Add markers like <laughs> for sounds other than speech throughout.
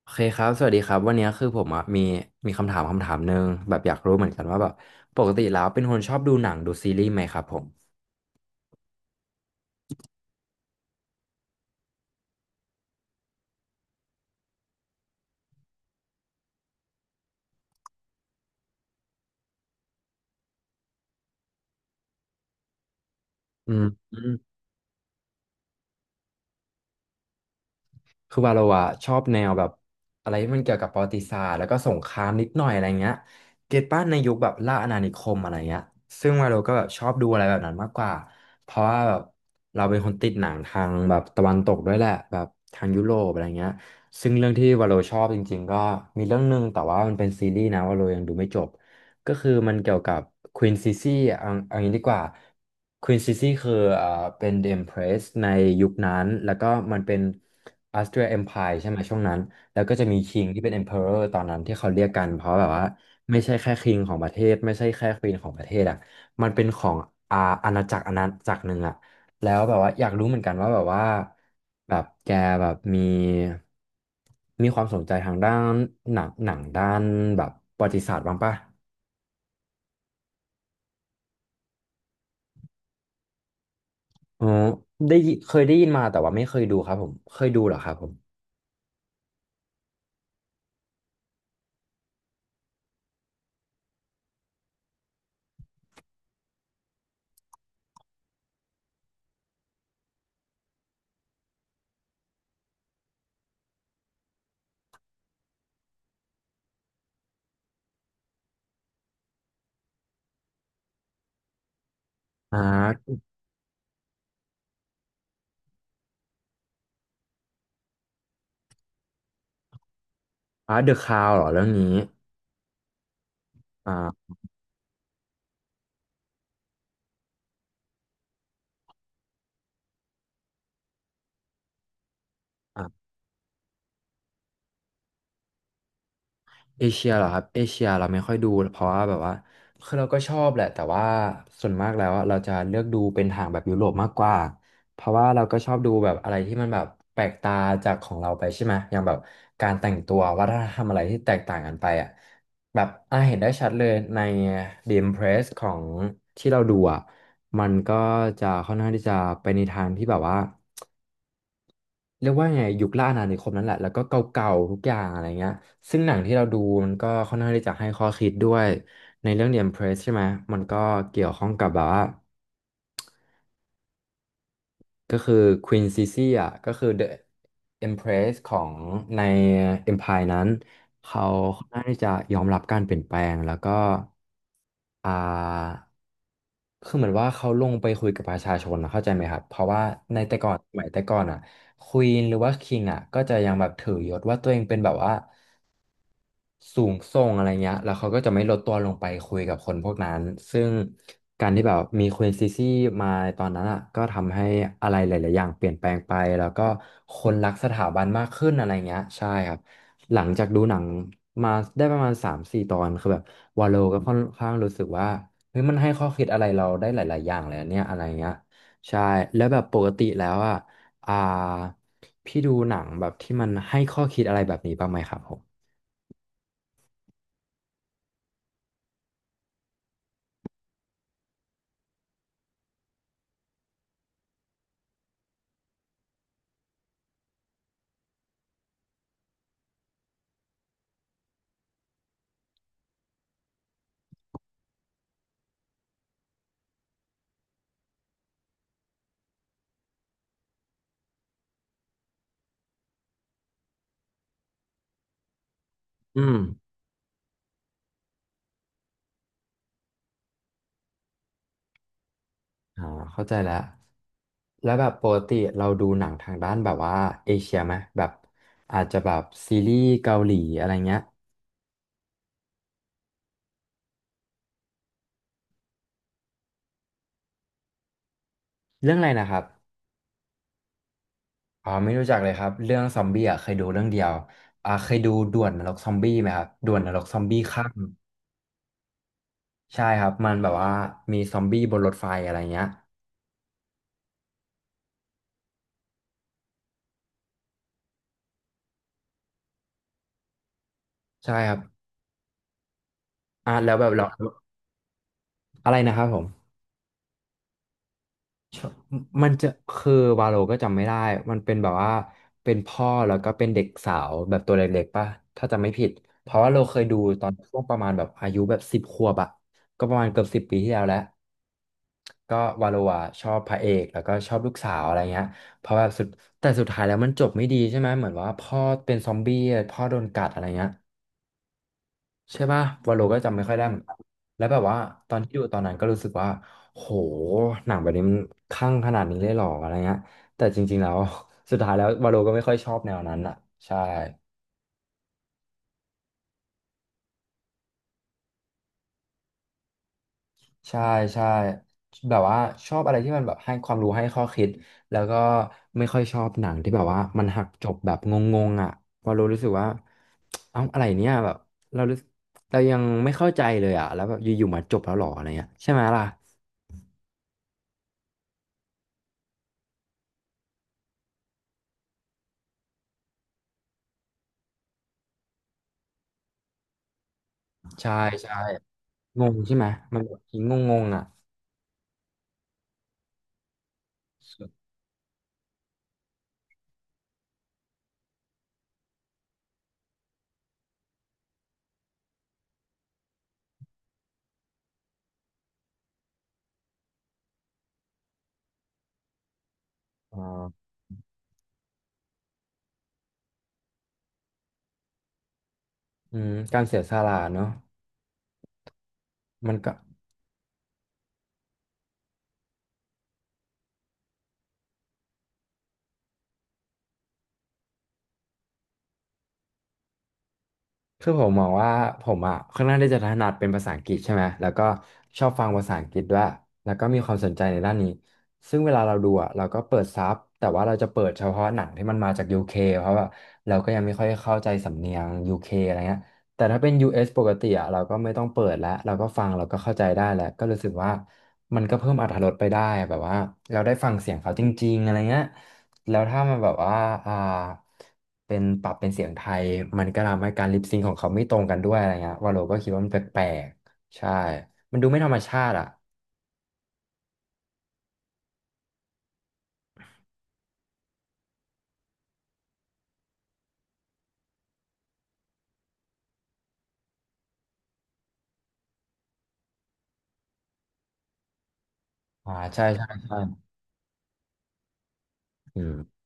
โอเคครับสวัสดีครับวันนี้คือผมอ่ะมีคำถามหนึ่งแบบอยากรู้เหมือนกันว่าแบบปกติแล้วเป็นคนชอบดูหนังดูซีรีส์ไหมครับผมอืมอืมคือว่าเราอะชอบแนวแบบอะไรที่มันเกี่ยวกับประวัติศาสตร์แล้วก็สงครามนิดหน่อยอะไรเงี้ยเกตป้าในยุคแบบล่าอาณานิคมอะไรเงี้ยซึ่งว่าเราก็แบบชอบดูอะไรแบบนั้นมากกว่าเพราะว่าแบบเราเป็นคนติดหนังทางแบบตะวันตกด้วยแหละแบบทางยุโรปอะไรเงี้ยซึ่งเรื่องที่วาโลชอบจริงๆก็มีเรื่องหนึงแต่ว่ามันเป็นซีรีส์นะวาโลยังดูไม่จบ ก็คือมันเกี่ยวกับควีนซิซี่เอางี้ดีกว่าควีนซิซี่คืออ่าเป็น The Empress ในยุคนั้น แล้วก็มันเป็น Austria Empire ใช่ไหมช่วงนั้น แล้วก็จะมีคิงที่เป็น Emperor ตอนนั้นที่เขาเรียกกัน เพราะแบบว่าไม่ใช่แค่คิงของประเทศไม่ใช่แค่ควีนของประเทศอ่ะมันเป็นของอาอาณาจักรหนึ่งอ่ะแล้วแบบว่าอยากรู้เหมือนกันว่าแบบว่าแบบแกแบบมีความสนใจทางด้านหนังด้านแบบประวัติศาสตร์บ้างปะ อ๋อได้ยิเคยได้ยินมาแต่ว่าไม่เคยดูครับผมเคยดูเหรอครับผมอ่าเดอะคราวเหรอเรื่องนี้อ่า เอเชียเหรอครับเอเชียเราไม่ค่อยดูเพราะว่าแบบว่าคือเราก็ชอบแหละแต่ว่าส่วนมากแล้วอะเราจะเลือกดูเป็นทางแบบยุโรปมากกว่าเพราะว่าเราก็ชอบดูแบบอะไรที่มันแบบแปลกตาจากของเราไปใช่ไหมอย่างแบบการแต่งตัววัฒนธรรมอะไรที่แตกต่างกันไปอ่ะแบบอ่ะเห็นได้ชัดเลยใน The Impress ของที่เราดูอ่ะมันก็จะค่อนข้างที่จะไปในทางที่แบบว่า เรียกว่าไงยุคล่าอาณานิคมนั่นแหละแล้วก็เก่าๆทุกอย่างอะไรเงี้ยซึ่งหนังที่เราดูมันก็ค่อนข้างที่จะให้ข้อคิดด้วยในเรื่อง The Empress ใช่ไหมมันก็เกี่ยวข้องกับแบบว่า ก็คือ Queen Sisi อ่ะก็คือ The Empress ของใน Empire นั้นเขาค่อนข้างที่จะยอมรับการเปลี่ยนแปลงแล้วก็อ่าคือเหมือนว่าเขาลงไปคุยกับประชาชนนะเข้าใจไหมครับเพราะว่าในแต่ก่อนสมัยแต่ก่อนอ่ะควีนหรือว่าคิงอ่ะก็จะยังแบบถือยศว่าตัวเองเป็นแบบว่า สูงส่งอะไรเงี้ยแล้วเขาก็จะไม่ลดตัวลงไปคุยกับคนพวกนั้นซึ่งการที่แบบมีควีนซีซี่มาตอนนั้นอ่ะก็ทำให้อะไรหลายๆอย่างเปลี่ยนแปลงไปแล้วก็คนรักสถาบันมากขึ้นอะไรเงี้ยใช่ครับหลังจากดูหนังมาได้ประมาณ3 ถึง 4ตอนคือแบบวาโลก็ค่อนข้างรู้สึกว่าเฮ้ยมันให้ข้อคิดอะไรเราได้หลายๆอย่างเลยอะเนี่ยอะไรเงี้ยใช่แล้วแบบปกติแล้วอ่ะอ่าพี่ดูหนังแบบที่มันให้ข้อคิดอะไรแบบนี้บ้างไหมครับผม อ่าเข้าใจแล้วแล้วแบบปกติเราดูหนังทางด้านแบบว่าเอเชียไหมแบบอาจจะแบบซีรีส์เกาหลีอะไรเงี้ยเรื่องอะไรนะครับอ๋อไม่รู้จักเลยครับ เรื่องซอมบี้อ่ะเคยดูเรื่องเดียวอ่าเคยดูด่วนนรกซอมบี้ไหมครับด่วนนรกซอมบี้ข้ามใช่ครับมันแบบว่ามีซอมบี้บนรถไฟอะไรเงี้ยใช่ครับอ่าแล้วแบบเราอะไรนะครับผม ชอบมันจะคือวาโลก็จำไม่ได้มันเป็นแบบว่าเป็นพ่อแล้วก็เป็นเด็กสาวแบบตัวเล็กๆป่ะถ้าจำไม่ผิดเพราะว่าเราเคยดูตอนช่วงประมาณแบบอายุแบบ10 ขวบอะก็ประมาณเกือบ10 ปีที่แล้วแหล้วก็วาโลอะชอบพระเอกแล้วก็ชอบลูกสาวอะไรเงี้ยเพราะว่าแต่สุดท้ายแล้วมันจบไม่ดีใช่ไหมเหมือนว่าพ่อเป็นซอมบี้พ่อโดนกัดอะไรเงี้ย ใช่ป่ะวาโลก็จำไม่ค่อยได้เหมือนกันแล้วแบบว่าตอนที่ดูตอนนั้นก็รู้สึกว่าโหหนังแบบนี้มันคลั่งขนาดนี้เลยเหรออะไรเงี้ยแต่จริงๆแล้ว <laughs> สุดท้ายแล้ววาโลก็ไม่ค่อยชอบแนวนั้นอ่ะใช่ใช่ใช่แบบว่าชอบอะไรที่มันแบบให้ความรู้ให้ข้อคิดแล้วก็ไม่ค่อยชอบหนังที่แบบว่ามันหักจบแบบงงๆอ่ะวาโลรู้สึกว่า <tsk> เอ้าอะไรเนี่ยแบบเรารู้สึกเรายังไม่เข้าใจเลยอ่ะแล้วแบบอยู่ๆมาจบแล้วเหรออะไรเงี้ยใช่ไหมล่ะใช่ใช่ งงใช่ไหมมันแบบงงงงๆอ่ะเอ่าอืมการเสียสละเนอะมันก็ คือผมมองว่าผมอ่ะค่อนข้างที่จะถนัดเป็นภาษาอังกฤษใช่ไหมแล้วก็ชอบฟังภาษาอังกฤษด้วยแล้วก็มีความสนใจในด้านนี้ซึ่งเวลาเราดูอ่ะเราก็เปิดซับแต่ว่าเราจะเปิดเฉพาะหนังที่มันมาจากยูเคเพราะว่าเราก็ยังไม่ค่อยเข้าใจสำเนียงยูเคอะไรเงี้ยแต่ถ้าเป็นยูเอสปกติอ่ะเราก็ไม่ต้องเปิดแล้วเราก็ฟังเราก็เข้าใจได้แล้วก็รู้สึกว่ามันก็เพิ่มอรรถรสไปได้แบบว่าเราได้ฟังเสียงเขาจริงๆอะไรเงี้ย แล้วถ้ามันแบบว่าอ่าเป็นปรับเป็นเสียงไทยมันก็ทำให้การลิปซิงของเขาไม่ตรงกันด้วยอะไรเงี้ยว่าโลก็คิดว่ามันแปลกๆใช่มันดูไม่ธรรมชาติอ่ะอ่าใช่ใช่ใช่อืม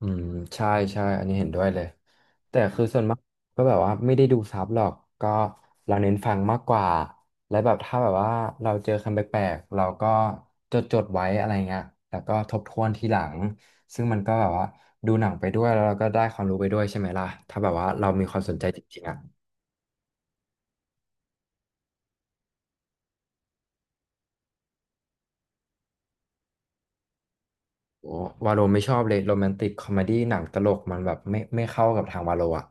อืมใช่ใช่อันนี้เห็นด้วยเลยแต่คือส่วนมากก็แบบว่าไม่ได้ดูซับหรอกก็เราเน้นฟังมากกว่าและแบบถ้าแบบว่าเราเจอคำแปลกๆเราก็จดจดไว้อะไรเงี้ยแล้วก็ทบทวนทีหลังซึ่งมันก็แบบว่าดูหนังไปด้วยแล้วเราก็ได้ความรู้ไปด้วยใช่ไหมล่ะถ้าแบบว่าเรามีความสนใจจริงๆอ่ะ โอ้วาโลไม่ชอบเลยโรแมนติกคอมเมดี้หนังตลกมันแบบไม่เข้ากับทางวาโลอะ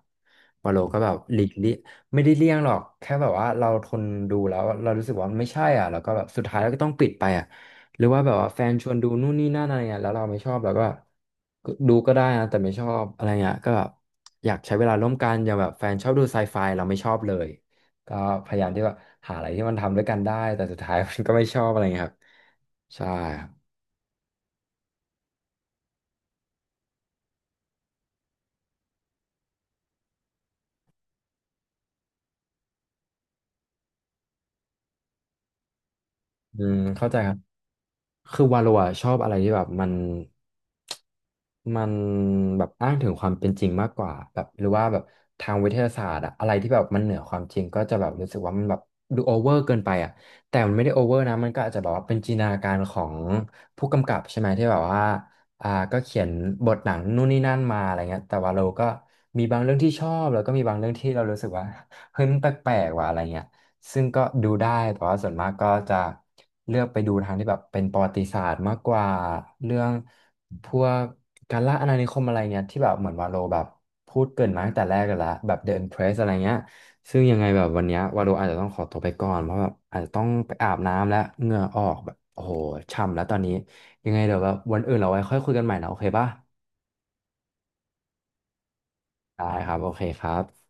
วาโลก็แบบหลีกเลี่ยงไม่ได้เลี่ยงหรอกแค่แบบว่าเราทนดูแล้วเรารู้สึกว่ามันไม่ใช่อ่ะแล้วก็แบบสุดท้ายเราก็ต้องปิดไปอ่ะหรือว่าแบบว่าแฟนชวนดูนู่นนี่นั่นอะไรเงี้ยแล้วเราไม่ชอบเราก็แบบดูก็ได้นะแต่ไม่ชอบอะไรเงี้ยก็แบบอยากใช้เวลาร่วมกันอย่างแบบแฟนชอบดูไซไฟเราไม่ชอบเลยก็พยายามที่ว่าหาอะไรที่มันทำด้วยกันได้แต่สุดท้ายมันก็ไม่ชอบอะไรเงี้ยครับใช่ อืมเข้าใจครับคือวาโลอะชอบอะไรที่แบบมันแบบอ้างถึงความเป็นจริงมากกว่าแบบหรือว่าแบบทางวิทยาศาสตร์อะอะไรที่แบบมันเหนือความจริงก็จะแบบรู้สึกว่ามันแบบดูโอเวอร์เกินไปอะแต่มันไม่ได้โอเวอร์นะมันก็อาจจะแบบว่าเป็นจินตนาการของผู้กำกับใช่ไหมที่แบบว่าก็เขียนบทหนังนู่นนี่นั่นมาอะไรเงี้ยแต่ว่าเราก็มีบางเรื่องที่ชอบแล้วก็มีบางเรื่องที่เรารู้สึกว่า <laughs> เฮ้ยมันแปลกๆว่ะอะไรเงี้ย ซึ่งก็ดูได้แต่ว่าส่วนมากก็จะเลือกไปดูทางที่แบบเป็นประวัติศาสตร์มากกว่าเรื่องพวกการล่าอาณานิคมอะไรเงี้ยที่แบบเหมือนวาโลแบบพูดเกริ่นมาตั้งแต่แรกกันแล้วแบบ The Empress อะไรเงี้ยซึ่งยังไงแบบวันเนี้ยวาโลอาจจะต้องขอตัวไปก่อนเพราะแบบอาจจะต้องไปอาบน้ำแล้วเหงื่อออกแบบโอ้โหช่ำแล้วตอนนี้ยังไงเดี๋ยวแบบวันอื่นเราไว้ค่อยคุยกันใหม่นะโอเคป่ะได้ครับโอเคครับ